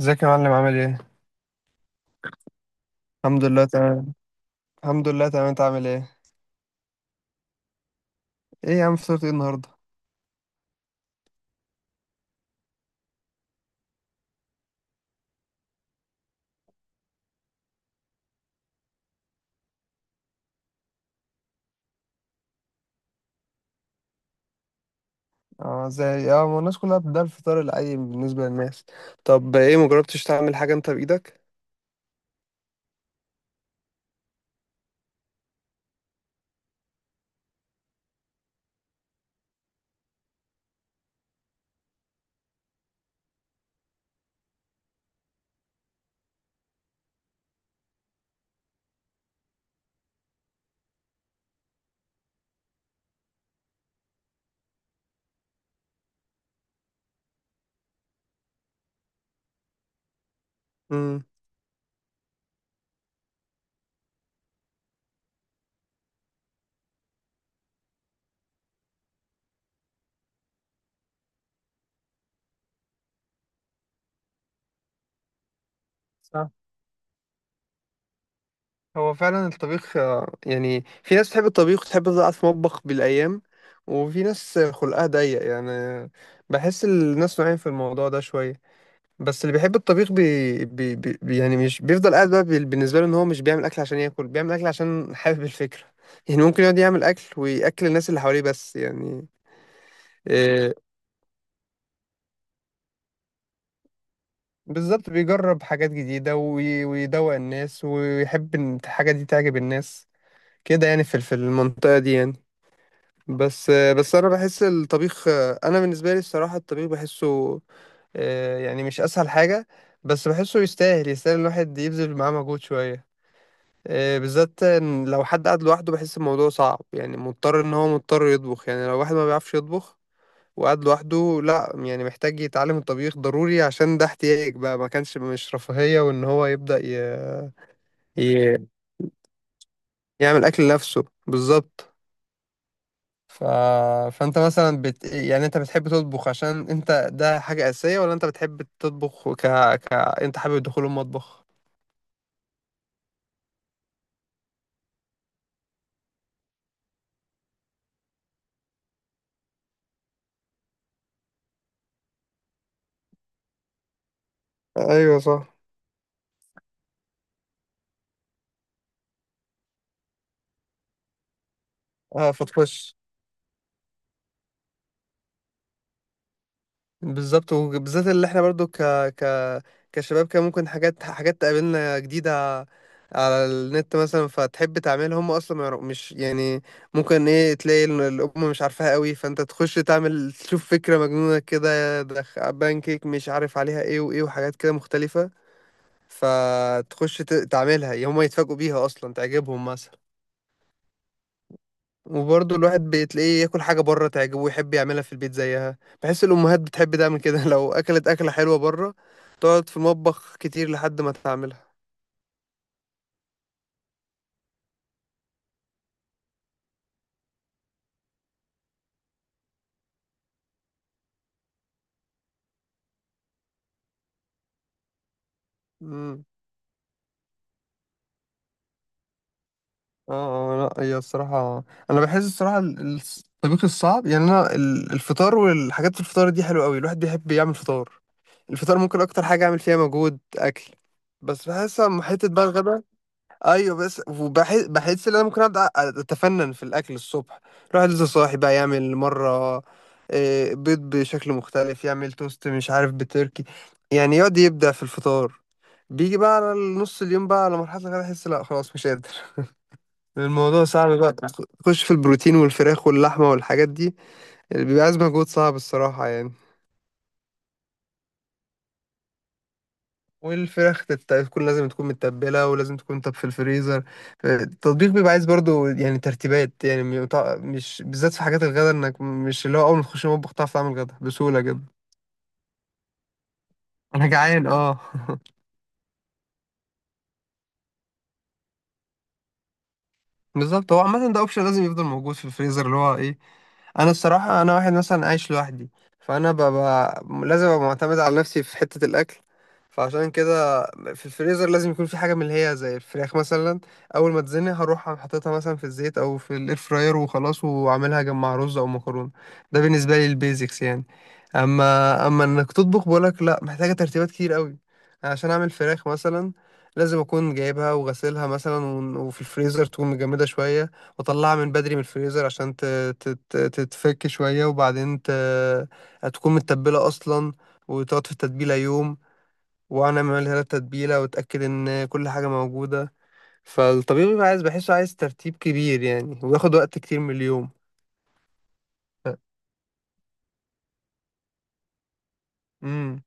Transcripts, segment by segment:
ازيك يا معلم عامل ايه؟ الحمد لله تمام. الحمد لله تمام، انت عامل ايه؟ ايه يا عم فطرت ايه النهارده؟ اه ازاي؟ اه ما الناس كلها ده الفطار العادي بالنسبة للناس. طب ايه مجربتش تعمل حاجة انت بإيدك؟ امم، صح. هو فعلا الطبيخ يعني في ناس تحب الطبيخ وتحب تفضل قاعدة في مطبخ بالأيام، وفي ناس خلقها ضيق يعني. بحس الناس نوعين في الموضوع ده شوية. بس اللي بيحب الطبيخ يعني مش بيفضل قاعد بقى بالنسبة له ان هو مش بيعمل اكل عشان ياكل، بيعمل اكل عشان حابب الفكرة. يعني ممكن يقعد يعمل اكل وياكل الناس اللي حواليه بس يعني. إيه بالظبط، بيجرب حاجات جديدة ويدوق الناس ويحب ان الحاجة دي تعجب الناس كده يعني، في في المنطقة دي يعني. بس انا بحس الطبيخ. انا بالنسبة لي الصراحة الطبيخ بحسه يعني مش اسهل حاجة. بس بحسه يستاهل، يستاهل الواحد يبذل معاه مجهود شوية. بالذات إن لو حد قاعد لوحده بحس الموضوع صعب، يعني مضطر ان هو مضطر يطبخ. يعني لو واحد ما بيعرفش يطبخ وقاعد لوحده، لا يعني محتاج يتعلم الطبيخ ضروري، عشان ده احتياج بقى ما كانش مش رفاهية، وان هو يبدأ ي... يعمل اكل لنفسه بالظبط. ف... فانت مثلا يعني انت بتحب تطبخ عشان انت ده حاجة أساسية، ولا انت بتحب تطبخ انت حابب دخول المطبخ؟ ايوه صح. اه فتخش. بالظبط، وبالذات اللي احنا برضو ك ك كشباب كان ممكن حاجات، حاجات تقابلنا جديدة على النت مثلا، فتحب تعملها هم اصلا ما يعرف- مش يعني، ممكن ايه تلاقي الام مش عارفاها قوي، فانت تخش تعمل تشوف فكرة مجنونة كده، بانكيك مش عارف عليها ايه وايه، وحاجات كده مختلفة. فتخش تعملها هم يتفاجئوا بيها اصلا تعجبهم مثلا. وبرضه الواحد بتلاقيه ياكل حاجة بره تعجبه، ويحب يعملها في البيت زيها. بحس الأمهات بتحب تعمل كده لو أكلت أكلة حلوة بره تقعد في المطبخ كتير لحد ما تعملها. امم. اه لا هي الصراحة، أنا بحس الصراحة الطبيخ الصعب، يعني أنا الفطار والحاجات، الفطار دي حلوة أوي، الواحد بيحب يعمل فطار. الفطار ممكن أكتر حاجة أعمل فيها مجهود أكل. بس بحس أما حتة بقى الغدا. ايوه بس، وبحس ان انا ممكن ابدا اتفنن في الاكل الصبح، الواحد لسه صاحي بقى، يعمل مره بيض بشكل مختلف، يعمل توست مش عارف بتركي، يعني يقعد يبدع في الفطار. بيجي بقى على نص اليوم، بقى على مرحله كده احس لا خلاص مش قادر. الموضوع صعب بقى. تخش في البروتين والفراخ واللحمه والحاجات دي اللي بيبقى عايز مجهود صعب الصراحه يعني. والفراخ تكون لازم تكون متبلة، ولازم تكون طب في الفريزر. التطبيق بيبقى عايز برضو يعني ترتيبات يعني، مش بالذات في حاجات الغدا، انك مش اللي هو اول ما تخش المطبخ تعرف تعمل غدا بسهولة جدا. انا جعان اه. بالظبط، هو عامة ده اوبشن لازم يفضل موجود في الفريزر اللي هو ايه. انا الصراحة انا واحد مثلا عايش لوحدي، فانا ببقى لازم ابقى معتمد على نفسي في حتة الاكل. فعشان كده في الفريزر لازم يكون في حاجة من اللي هي زي الفراخ مثلا. اول ما تزني هروح أقوم حاططها مثلا في الزيت او في الاير فراير وخلاص، واعملها جنب رز او مكرونة. ده بالنسبة لي البيزكس يعني. اما انك تطبخ بقولك لا، محتاجة ترتيبات كتير قوي. عشان اعمل فراخ مثلا، لازم اكون جايبها وغسلها مثلا وفي الفريزر تكون مجمدة شوية، واطلعها من بدري من الفريزر عشان تتفك شوية، وبعدين تكون متبلة اصلا، وتقعد في التتبيلة يوم، وانا اعملها لها التتبيلة واتاكد ان كل حاجة موجودة. فالطبيب بيبقى عايز، بحسه عايز ترتيب كبير يعني، وياخد وقت كتير من اليوم. امم.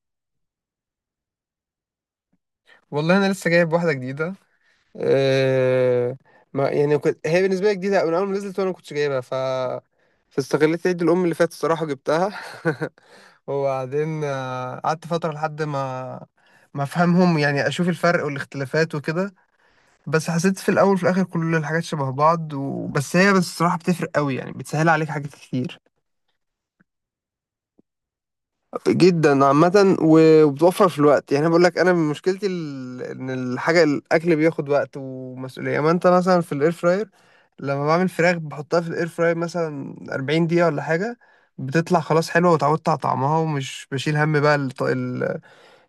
والله انا لسه جايب واحدة جديدة آه، ما يعني كنت، هي بالنسبة لي جديدة من أول ما نزلت وأنا ما كنتش جايبها. فاستغليت عيد الأم اللي فات الصراحة جبتها. وبعدين قعدت فترة لحد ما ما أفهمهم يعني، أشوف الفرق والاختلافات وكده. بس حسيت في الأول وفي الآخر كل الحاجات شبه بعض، وبس هي بس الصراحة بتفرق قوي يعني، بتسهل عليك حاجات كتير جدا عامة. وبتوفر في الوقت يعني. أنا بقول لك، انا بقولك أنا مشكلتي ان الحاجة الاكل بياخد وقت ومسؤولية، اما انت مثلا في الاير فراير لما بعمل فراخ بحطها في الاير فراير مثلا 40 دقيقة ولا حاجة، بتطلع خلاص حلوة، وتعودت على طعمها، ومش بشيل هم بقى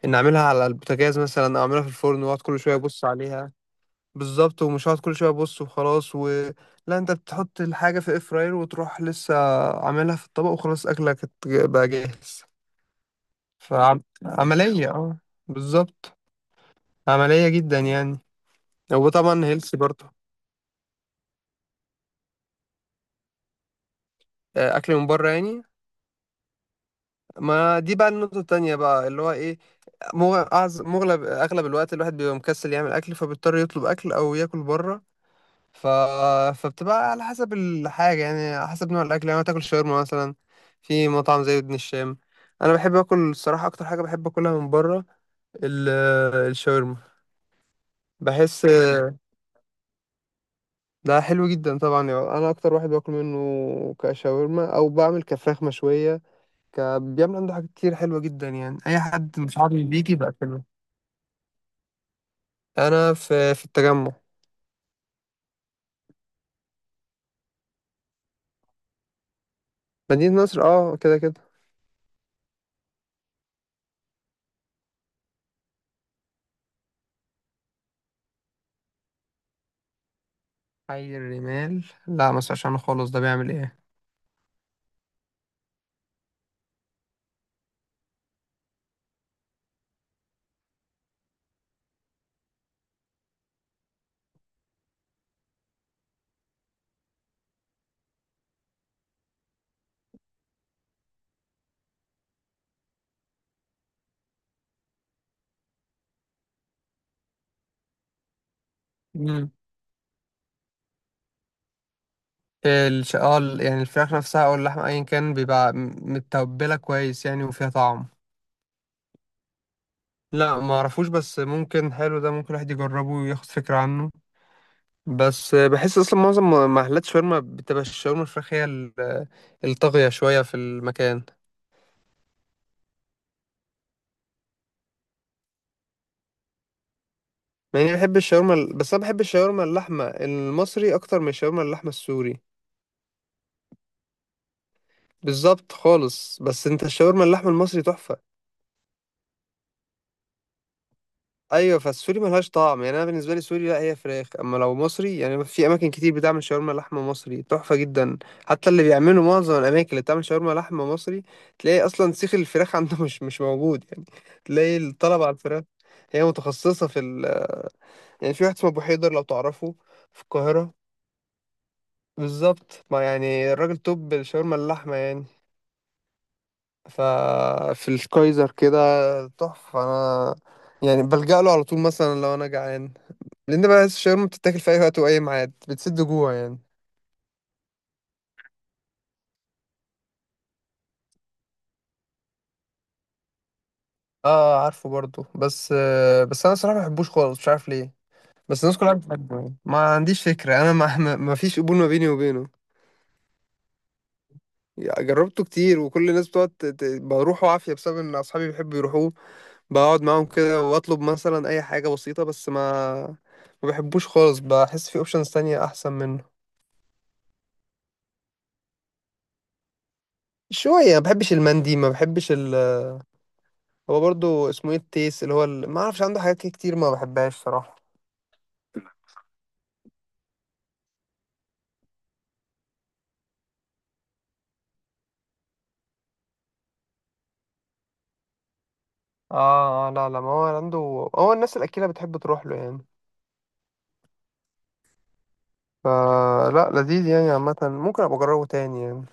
ان اعملها على البوتاجاز مثلا او اعملها في الفرن واقعد كل شوية ابص عليها. بالظبط، ومش هقعد كل شوية ابص وخلاص لا، انت بتحط الحاجة في الاير فراير وتروح، لسه عاملها في الطبق وخلاص اكلك بقى جاهز. فعملية اه، بالظبط، عملية جدا يعني. وطبعا هيلثي برضه. أكل من بره يعني، ما دي بقى النقطة التانية بقى اللي هو إيه. مغ- أعز- مغلب أغلب الوقت الواحد بيبقى مكسل يعمل أكل، فبيضطر يطلب أكل أو ياكل بره. ف... فبتبقى على حسب الحاجة يعني، على حسب نوع الأكل يعني. تاكل شاورما مثلا في مطعم زي ابن الشام. أنا بحب آكل الصراحة، أكتر حاجة بحب آكلها من بره ال- الشاورما. بحس ده حلو جدا طبعا يعني، انا اكتر واحد باكل منه كشاورما او بعمل كفراخ مشويه بيعمل عنده حاجات كتير حلوه جدا يعني، اي حد مش عارف بيجي باكله. انا في في التجمع. مدينه نصر اه، كده كده. حي الرمال لا ما اسمعش عنه خالص، ده بيعمل ايه؟ امم. اه يعني الفراخ نفسها او اللحمه ايا كان بيبقى متبله كويس يعني، وفيها طعم. لا ما اعرفوش، بس ممكن حلو، ده ممكن الواحد يجربه وياخد فكره عنه. بس بحس اصلا معظم محلات شاورما بتبقى الشاورما الفراخ هي الطاغية شوية في المكان. مع اني بحب الشاورما بس انا بحب الشاورما اللحمة المصري اكتر من الشاورما اللحمة السوري. بالظبط خالص، بس انت الشاورما اللحمة المصري تحفة. ايوه، فالسوري ملهاش طعم يعني، انا بالنسبه لي سوري لا هي فراخ، اما لو مصري يعني في اماكن كتير بتعمل شاورما لحمه مصري تحفه جدا. حتى اللي بيعملوا معظم الاماكن اللي بتعمل شاورما لحمه مصري تلاقي اصلا سيخ الفراخ عنده مش موجود يعني، تلاقي الطلب على الفراخ، هي متخصصه في يعني في واحد اسمه ابو حيدر لو تعرفه، في القاهره. بالظبط، ما يعني الراجل توب الشاورما اللحمه يعني. ففي الكايزر كده تحفه. انا يعني بلجأ له على طول مثلا لو انا جعان، لان بقى الشاورما بتتاكل في اي وقت واي ميعاد، بتسد جوع يعني. اه عارفه برضو، بس آه بس انا صراحه ما بحبوش خالص، مش عارف ليه. بس الناس كلها بتحبه يعني، ما عنديش فكره، انا ما فيش قبول ما بيني وبينه. جربته كتير، وكل الناس بتقعد بروحه عافيه، بسبب ان اصحابي بيحبوا يروحوه، بقعد معاهم كده واطلب مثلا اي حاجه بسيطه، بس ما بحبوش خالص، بحس في اوبشنز تانية احسن منه. شويه ما بحبش المندي، ما بحبش هو برضو اسمه ايه التيس، اللي هو ما اعرفش عنده حاجات كتير ما بحبهاش صراحه. اه لا لا، ما هو عنده، هو الناس الأكيلة بتحب تروح له يعني. فلا لذيذ يعني عامة، ممكن أبقى أجربه تاني يعني.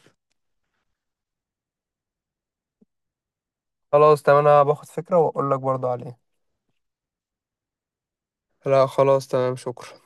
خلاص تمام، أنا باخد فكرة وأقول لك برضه عليه. لا خلاص تمام، شكرا.